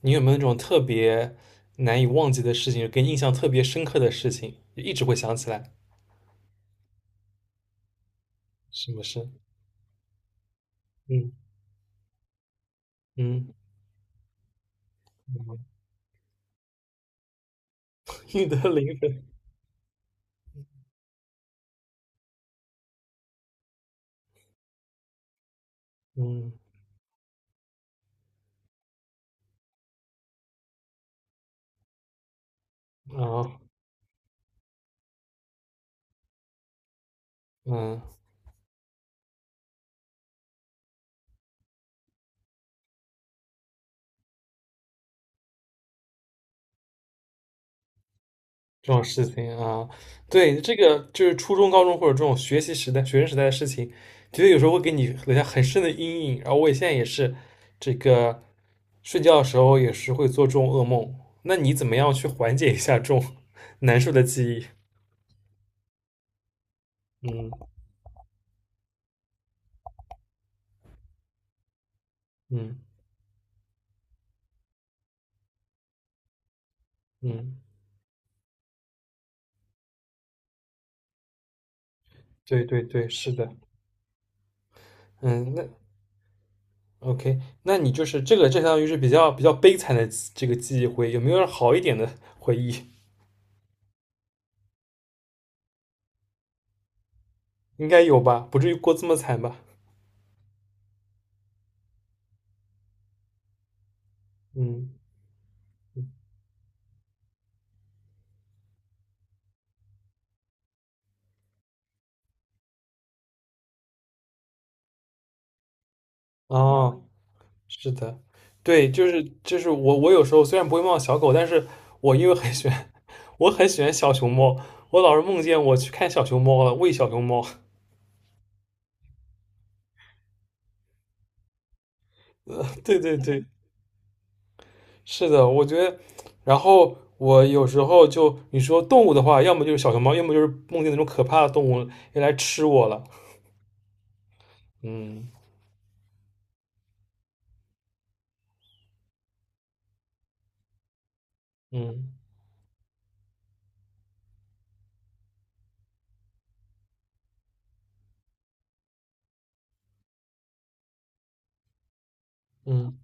你有没有那种特别难以忘记的事情，给你印象特别深刻的事情，就一直会想起来？什么事？嗯嗯，你的灵魂，嗯啊嗯，这种事情啊，对，这个就是初中、高中或者这种学习时代、学生时代的事情，觉得有时候会给你留下很深的阴影。然后我也现在也是，这个睡觉的时候也是会做这种噩梦。那你怎么样去缓解一下这种 难受的记忆？嗯嗯嗯。对对对，是的，嗯，那 OK，那你就是这个，这相当于是比较悲惨的这个记忆回忆，有没有好一点的 回忆？应该有吧，不至于过这么惨吧？嗯，嗯哦，是的，对，就是我有时候虽然不会梦到小狗，但是我因为很喜欢，我很喜欢小熊猫，我老是梦见我去看小熊猫了，喂小熊猫。对对对，是的，我觉得，然后我有时候就你说动物的话，要么就是小熊猫，要么就是梦见那种可怕的动物要来吃我了。嗯嗯嗯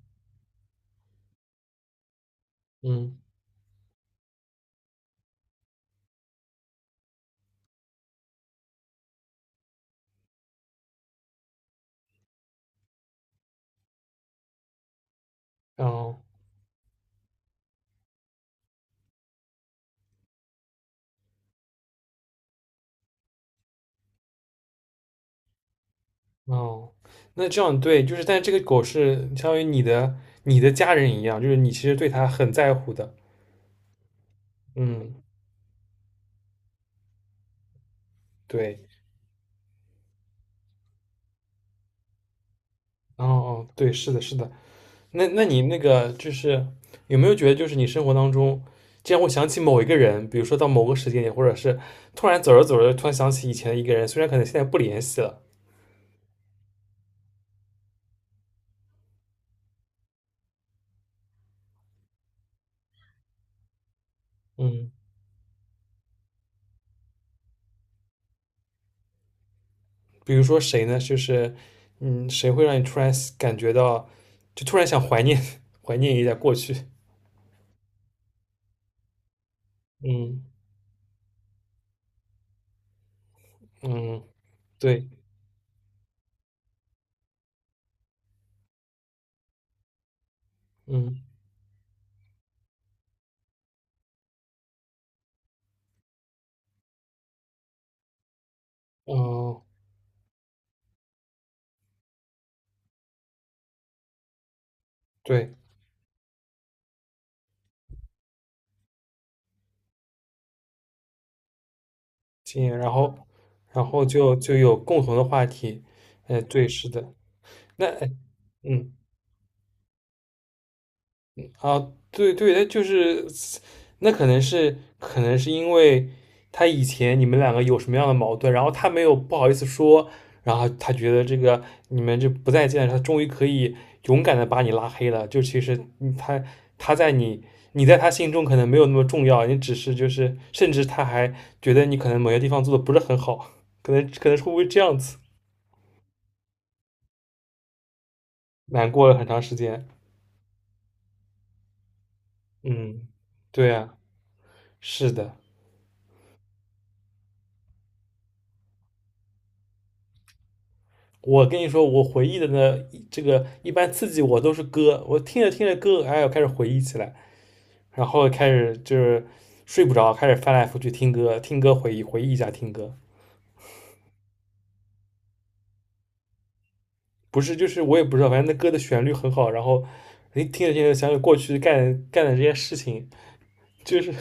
嗯，哦哦，那这样对，就是但这个狗是相当于你的家人一样，就是你其实对它很在乎的。嗯，对，哦哦，对，是的，是的。那你那个就是有没有觉得，就是你生活当中竟然会想起某一个人，比如说到某个时间点，或者是突然走着走着，突然想起以前的一个人，虽然可能现在不联系了，嗯，比如说谁呢？就是嗯，谁会让你突然感觉到，就突然想怀念 怀念一下过去？嗯嗯，对，嗯哦，对，经验然后就有共同的话题，哎，对，是的，那哎嗯。啊，对对，他就是那可能是因为他以前你们两个有什么样的矛盾，然后他没有不好意思说，然后他觉得这个你们就不再见，他终于可以勇敢的把你拉黑了。就其实你他他在你你在他心中可能没有那么重要，你只是就是甚至他还觉得你可能某些地方做的不是很好，可能是会不会这样子难过了很长时间。嗯，对啊，是的。我跟你说，我回忆的呢，这个一般刺激我都是歌，我听着听着歌，哎，我开始回忆起来，然后开始就是睡不着，开始翻来覆去听歌，听歌回忆回忆一下听歌，不是就是我也不知道，反正那歌的旋律很好，然后你听着听着想起过去干的这些事情，就是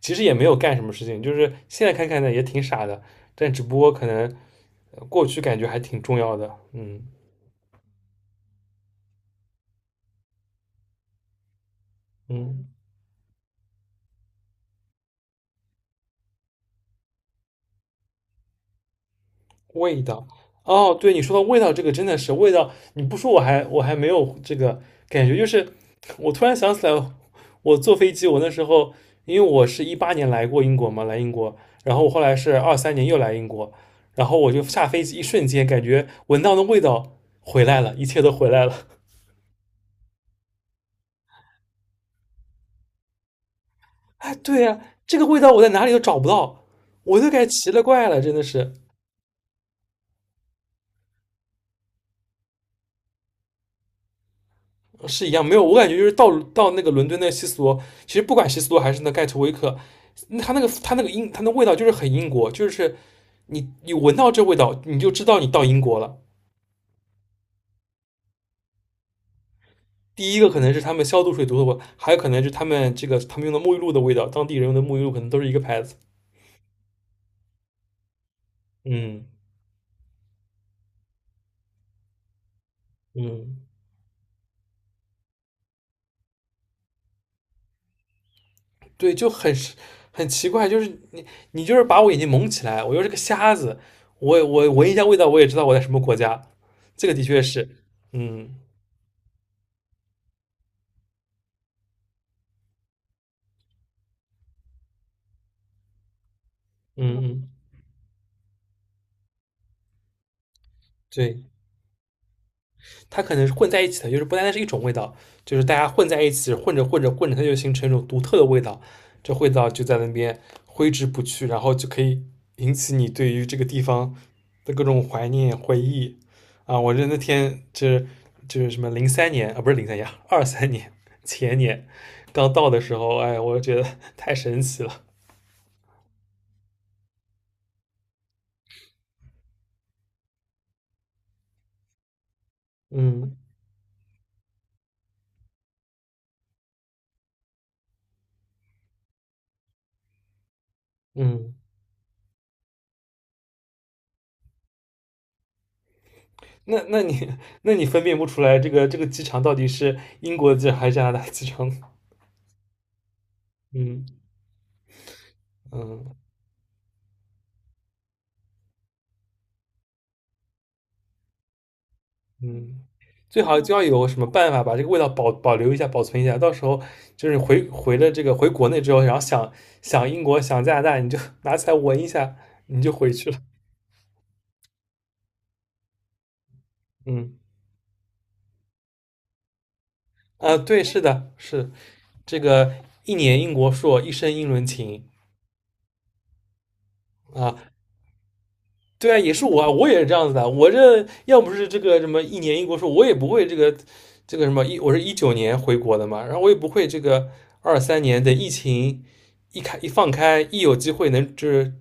其实也没有干什么事情，就是现在看看呢也挺傻的，但只不过可能过去感觉还挺重要的，嗯嗯味道，哦，对，你说到味道，这个真的是味道，你不说我还没有这个感觉，就是我突然想起来，我坐飞机，我那时候因为我是一八年来过英国嘛，来英国，然后我后来是二三年又来英国，然后我就下飞机一瞬间感觉闻到的味道回来了，一切都回来了。哎，对呀，这个味道我在哪里都找不到，我都该奇了怪了，真的是。是一样，没有，我感觉就是到那个伦敦那个西斯罗，其实不管西斯罗还是那盖特威克，那它那个它那个英它那味道就是很英国，就是你闻到这味道，你就知道你到英国了。第一个可能是他们消毒水毒的味，还有可能是他们用的沐浴露的味道，当地人用的沐浴露可能都是一个牌子。嗯嗯，对，就很奇怪，就是你就是把我眼睛蒙起来，我又是个瞎子，我闻一下味道，我也知道我在什么国家。这个的确是，嗯嗯嗯，对。它可能是混在一起的，就是不单单是一种味道，就是大家混在一起，混着混着混着，它就形成一种独特的味道，这味道就在那边挥之不去，然后就可以引起你对于这个地方的各种怀念回忆啊！我这那天就是就是什么零三年啊，不是零三年，二三年前年刚到的时候，哎，我觉得 太神奇了，嗯嗯。那你那你分辨不出来这个机场到底是英国的机场还是加拿大机场？嗯嗯，嗯，最好就要有什么办法把这个味道保留一下、保存一下。到时候就是回回了这个回国内之后，然后想想英国、想加拿大，你就 拿起来闻一下，你就回去了。嗯，啊，对，是的，是这个一年英国硕，一生英伦情啊。对啊，也是我啊，我也是这样子的。我这要不是这个什么一年一国说，我也不会这个这个什么一，我是19年回国的嘛，然后我也不会这个二三年的疫情一开一放开，一有机会能就是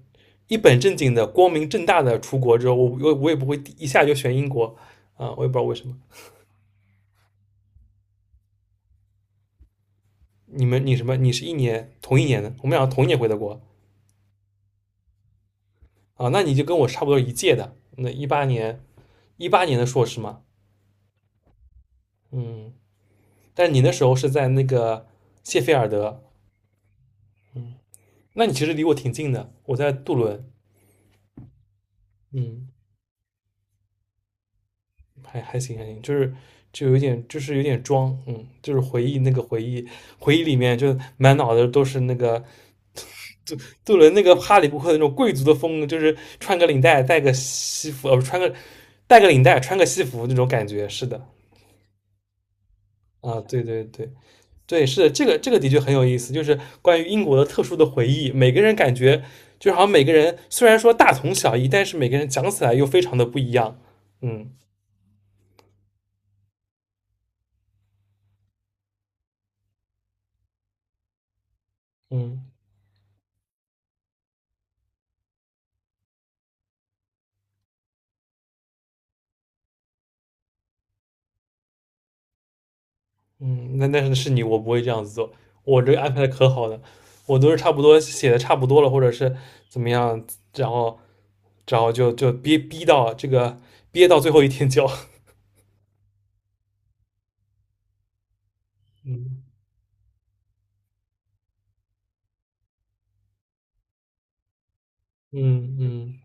一本正经的、光明正大的出国之后，我也不会一下就选英国啊，我也不知道为什么。你什么？你是一年同一年的，我们俩同一年回的国啊，那你就跟我差不多一届的，那一八年的硕士嘛，嗯。但你那时候是在那个谢菲尔德，那你其实离我挺近的，我在杜伦，嗯，还行还行，就是就有点就是有点装，嗯，就是回忆那个回忆回忆里面就满脑子都是那个杜杜伦那个哈利波特那种贵族的风就是穿个领带带个西服，不穿个带个领带穿个西服那种感觉，是的，啊，对对对，对，是的，这个的确很有意思，就是关于英国的特殊的回忆。每个人感觉就好像每个人虽然说大同小异，但是每个人讲起来又非常的不一样。嗯嗯嗯，那是你，我不会这样子做，我这个安排的可好了，我都是差不多写的差不多了，或者是怎么样，然后然后就憋逼到这个憋到最后一天交。嗯嗯嗯，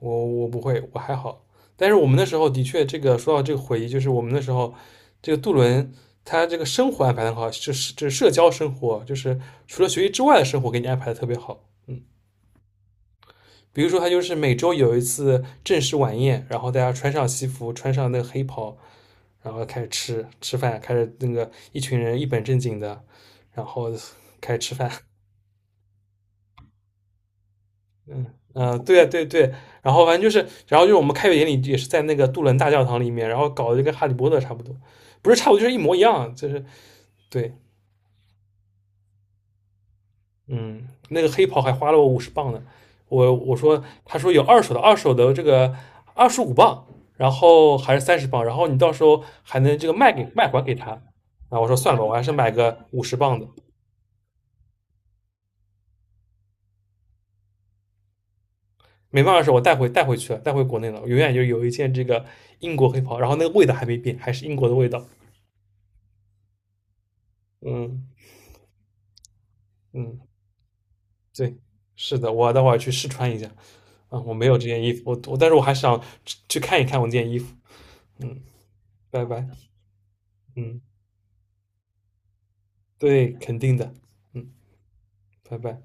我不会，我还好。但是我们那时候的确，这个说到这个回忆，就是我们那时候，这个杜伦他这个生活安排的很好，就是社交生活，就是除了学习之外的生活给你安排的特别好。嗯，比如说他就是每周有一次正式晚宴，然后大家穿上西服，穿上那个黑袍，然后开始吃饭，开始那个一群人一本正经的，然后开始吃饭。嗯嗯对对对，然后反正就是，然后就是我们开学典礼也是在那个杜伦大教堂里面，然后搞得就跟哈利波特差不多，不是差不多就是一模一样，就是对，嗯，那个黑袍还花了我五十磅呢，我说他说有二手的，二手的这个25磅，然后还是30磅，然后你到时候还能这个卖给卖还给他，啊，我说算了吧，我还是买个五十磅的，没办法，说我带回去了，带回国内了，永远就有一件这个英国黑袍，然后那个味道还没变，还是英国的味道，嗯嗯。对，是的，我待会儿去试穿一下。啊，我没有这件衣服，但是我还想去看一看我这件衣服。嗯，拜拜。嗯，对，肯定的。嗯，拜拜。